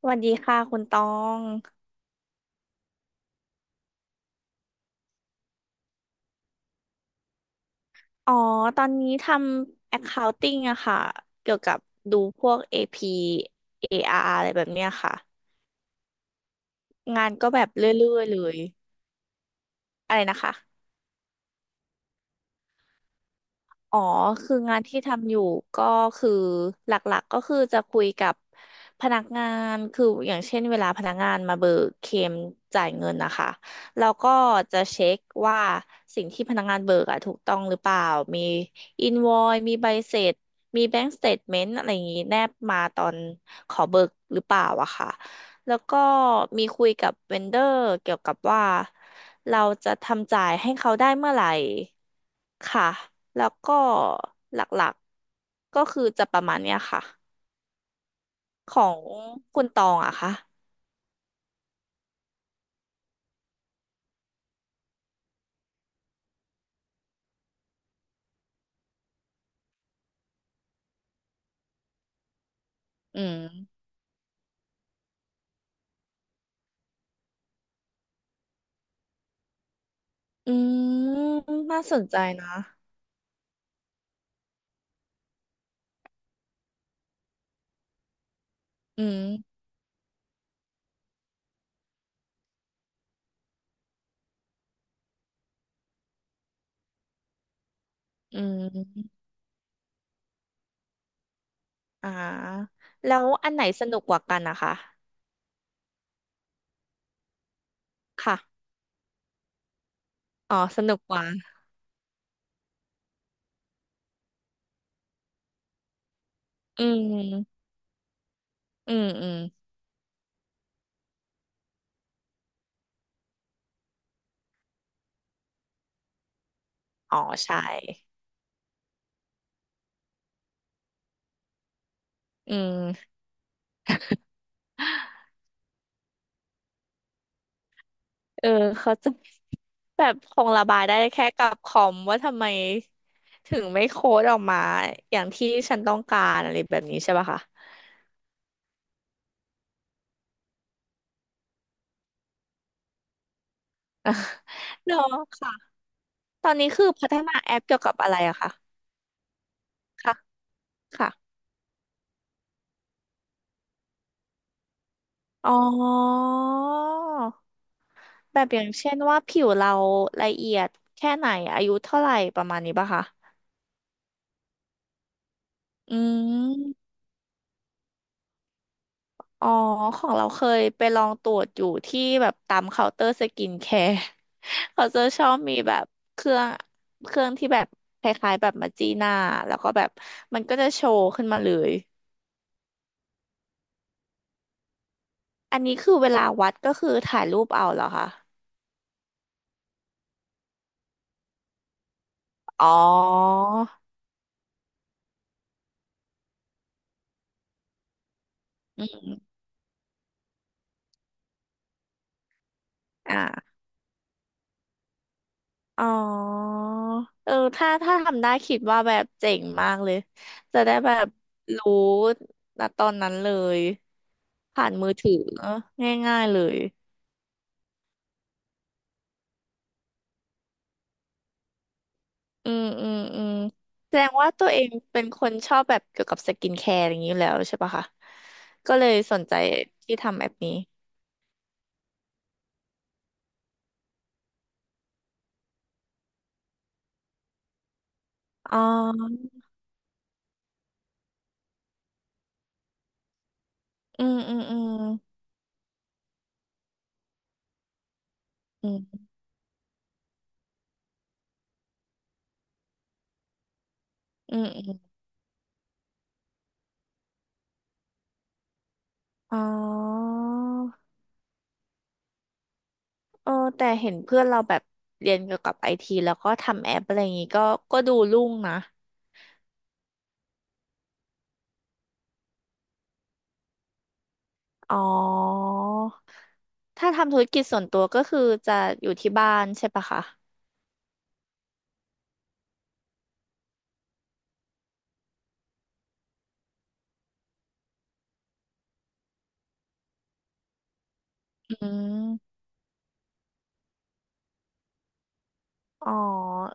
สวัสดีค่ะคุณตอง อ๋อ ตอนนี้ทำ accounting อะค่ะ เกี่ยวกับดูพวก AP AR ออาร์อะไรแบบเนี้ยค่ะ งานก็แบบเรื่อยๆเลย อะไรนะคะ อ๋อคืองานที่ทำอยู่ก็คือหลักๆก็คือจะคุยกับพนักงานคืออย่างเช่นเวลาพนักงานมาเบิกเคลมจ่ายเงินนะคะเราก็จะเช็คว่าสิ่งที่พนักงานเบิกอะถูกต้องหรือเปล่า มีอินวอยมีใบเสร็จ มีแบงก์สเตทเมนต์อะไรอย่างนี้แนบมาตอนขอเบิกหรือเปล่าอะค่ะ แล้วก็มีคุยกับเวนเดอร์เกี่ยวกับว่าเราจะทำจ่ายให้เขาได้เมื่อไหร่ค่ะแล้วก็หลักๆก็คือจะประมาณเนี้ยค่ะของคุณตองอะค่ะอืมอืมน่าสนใจนะอืมอืมอ่าแล้วอันไหนสนุกกว่ากันนะคะค่ะอ๋อสนุกกว่าอืมอืมอืมอ๋อใช่อืมเออเขาใจะ แบบคงระบายได้แค่กับคอมว่าทำไมถึงไม่โค้ดออกมาอย่างที่ฉันต้องการอะไรแบบนี้ใช่ปะคะ เนาะค่ะตอนนี้คือพัฒนาแอปเกี่ยวกับอะไรอะคะค่ะค่ะอ๋อแบบอย่างเช่นว่าผิวเราละเอียดแค่ไหนอายุเท่าไหร่ประมาณนี้ปะคะอืม อ๋อของเราเคยไปลองตรวจอยู่ที่แบบตามเคาน์เตอร์สกินแคร์ เขาจะชอบมีแบบเครื่องเครื่องที่แบบคล้ายๆแบบมาจีหน้าแล้วก็แบบมันก็จะโชว์ขึ้นมาเลยอันนี้คือเวลาวัดก็คือถ่ายรูปเอาเหรอคะอ๋ออืมอ่าอ๋อเออถ้าทำได้คิดว่าแบบเจ๋งมากเลยจะได้แบบรู้ณตอนนั้นเลยผ่านมือถือง่ายๆเลย อืมอืมอืมแสดงว่าตัวเองเป็นคนชอบแบบเกี่ยวกับสกินแคร์อย่างนี้อยู่แล้วใช่ปะคะก็เลยสนใจที่ทำแบบนี้อ๋ออืมอืมอืมอืมอืมอืมอ๋อเออแต่เห็นเพื่อนเราแบบเรียนเกี่ยวกับไอทีแล้วก็ทำแอปอะไรอย่างนี้ก็ดูรุ่งนะอ๋อถ้าทำธุรกิจส่วนตัวก็คือจะอยู่ที่บ้านใช่ปะคะอืมอ๋อ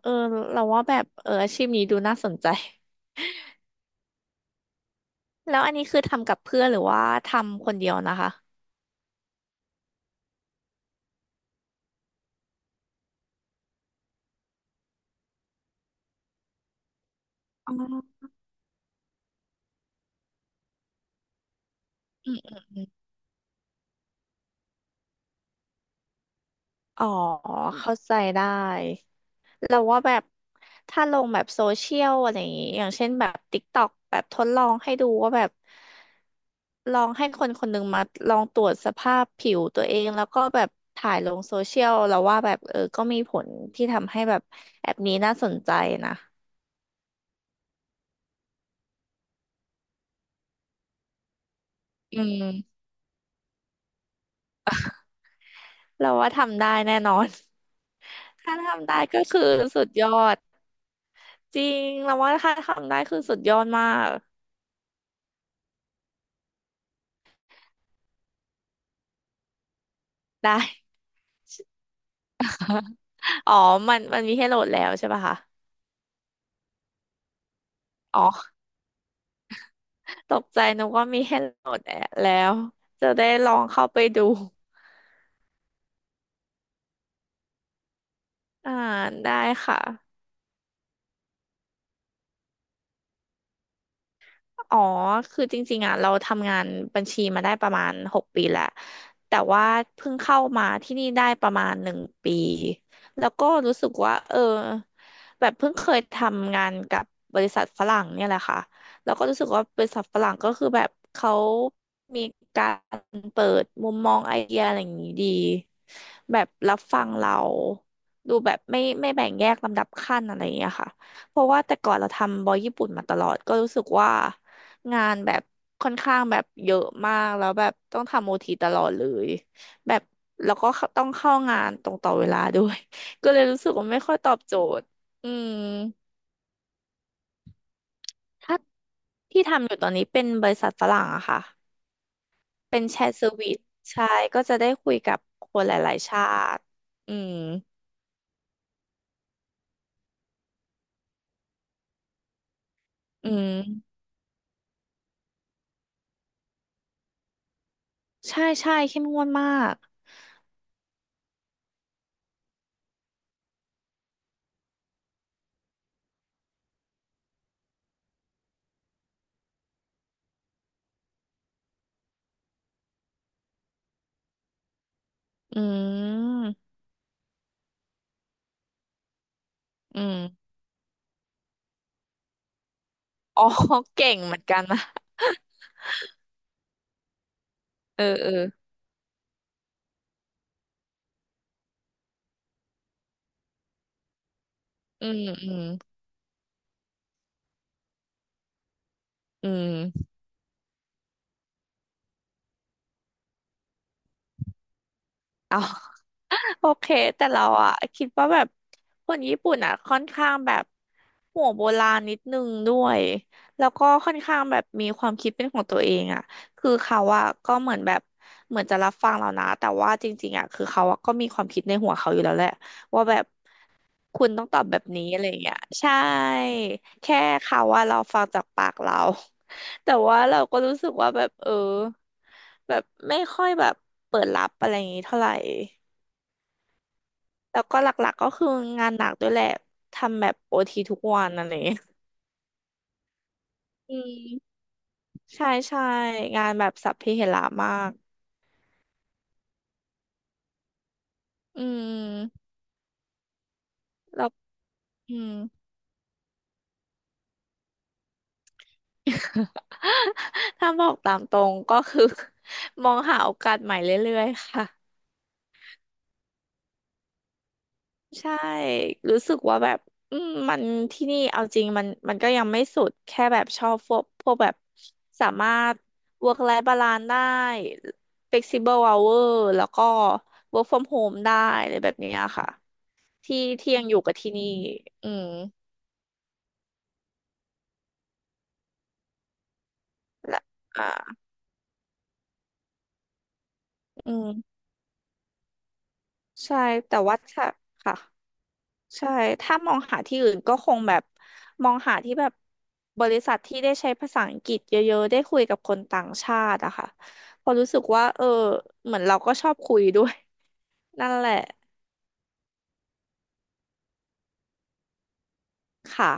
เออเราว่าแบบเอออาชีพนี้ดูน่าสนใจ แล้วอันนี้คือทำกับเพื่อนหรือว่าทำคนเดียวนะคะอ๋ออืมอืมอมอ๋อเข้าใจได้เราว่าแบบถ้าลงแบบโซเชียลอะไรอย่างงี้อย่างเช่นแบบ TikTok แบบทดลองให้ดูว่าแบบลองให้คนคนหนึ่งมาลองตรวจสภาพผิวตัวเองแล้วก็แบบถ่ายลงโซเชียลเราว่าแบบเออก็มีผลที่ทำให้แบบแอปนี้น่าสนใจนะอืมเราว่าทำได้แน่นอน ถ้าทำได้ก็คือสุดยอด จริง เราว่าถ้าทำได้คือสุดยอดมาก ได้ อ๋อ มันมีให้โหลดแล้วใช่ป่ะคะอ๋อตกใจนึกว่ามีให้โหลดแล้ว จะได้ลองเข้าไปดู อ่า ได้ค่ะ อ๋อคือจริงๆอ่ะเราทำงานบัญชีมาได้ประมาณหกปีแล้วแต่ว่าเพิ่งเข้ามาที่นี่ได้ประมาณหนึ่งปี แล้วก็รู้สึกว่าเออแบบเพิ่งเคยทำงานกับบริษัทฝรั่งเนี่ยแหละค่ะแล้วก็รู้สึกว่าบริษัทฝรั่งก็คือแบบเขามีการเปิดมุมมองไอเดียอะไรอย่างนี้ดีแบบรับฟังเราดูแบบไม่แบ่งแยกลำดับขั้นอะไรอย่างเงี้ยค่ะเพราะว่าแต่ก่อนเราทำบอยญี่ปุ่นมาตลอดก็รู้สึกว่า งานแบบค่อนข้างแบบเยอะมากแล้วแบบต้องทำโอทีตลอดเลยแบบแล้วก็ต้องเข้างานตรงต่อเวลาด้วย ก็เลยรู้สึกว่าไม่ค่อยตอบโจทย์อืมถ้าที่ทำอยู่ตอนนี้เป็นบริษัทฝรั่งอะค่ะเป็นแชร์เซอร์วิสใช่ก็จะได้คุยกับคนหลายๆชาติอืมอืมใช่ใช่เข้มงวดมากอืมอืมอ๋อ เก่งเหมือนกันนะเออเอออืมอืมอืมเอา โอเคแต่เราอะคิดว่าแบบคนญี่ปุ่นอะค่อนข้างแบบหัวโบราณนิดนึงด้วยแล้วก็ค่อนข้างแบบมีความคิดเป็นของตัวเองอะคือเขาอะก็เหมือนแบบเหมือนจะรับฟังเรานะแต่ว่าจริงๆอะคือเขาอะก็มีความคิดในหัวเขาอยู่แล้วแหละว่าแบบคุณต้องตอบแบบนี้อะไรอย่างเงี้ยใช่ แค่เขาว่าเราฟังจากปากเรา แต่ว่าเราก็รู้สึกว่าแบบเออแบบไม่ค่อยแบบเปิดรับอะไรอย่างงี้เท่าไหร่ แล้วก็หลักๆก็คืองานหนักด้วยแหละทำแบบโอทีทุกวันอะไรอย่างเงี้ยอืมใช่ใช่งานแบบสัพเพเหระมากอืมแล้วอืม ถ้าบอกตามตรงก็คือ มองหาโอกาสใหม่เรื่อยๆค่ะ ใช่ รู้สึกว่าแบบอืมมันที่นี่เอาจริงมันก็ยังไม่สุด แค่แบบชอบพวกแบบสามารถ work life balance ได้ flexible hour แล้วก็ work from home ได้อะไรแบบเนี้ยค่ะที่ยังอยู่กับที่นี่ อืมและอ่าอืมใช่ แต่ว่าถ้าค่ะ ใช่ถ้ามองหาที่อื่นก็คงแบบมองหาที่แบบบริษัทที่ได้ใช้ภาษาอังกฤษเยอะๆได้คุยกับคนต่างชาติอะค่ะเพอราะรู้สึกว่าเออเหมือนเราก็ชอบคุยด้วยนั่นแหละค่ะ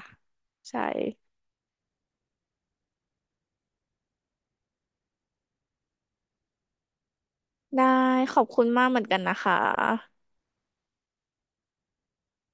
ใช่ได้ขอบคุณมากเหมือนกันนะคะ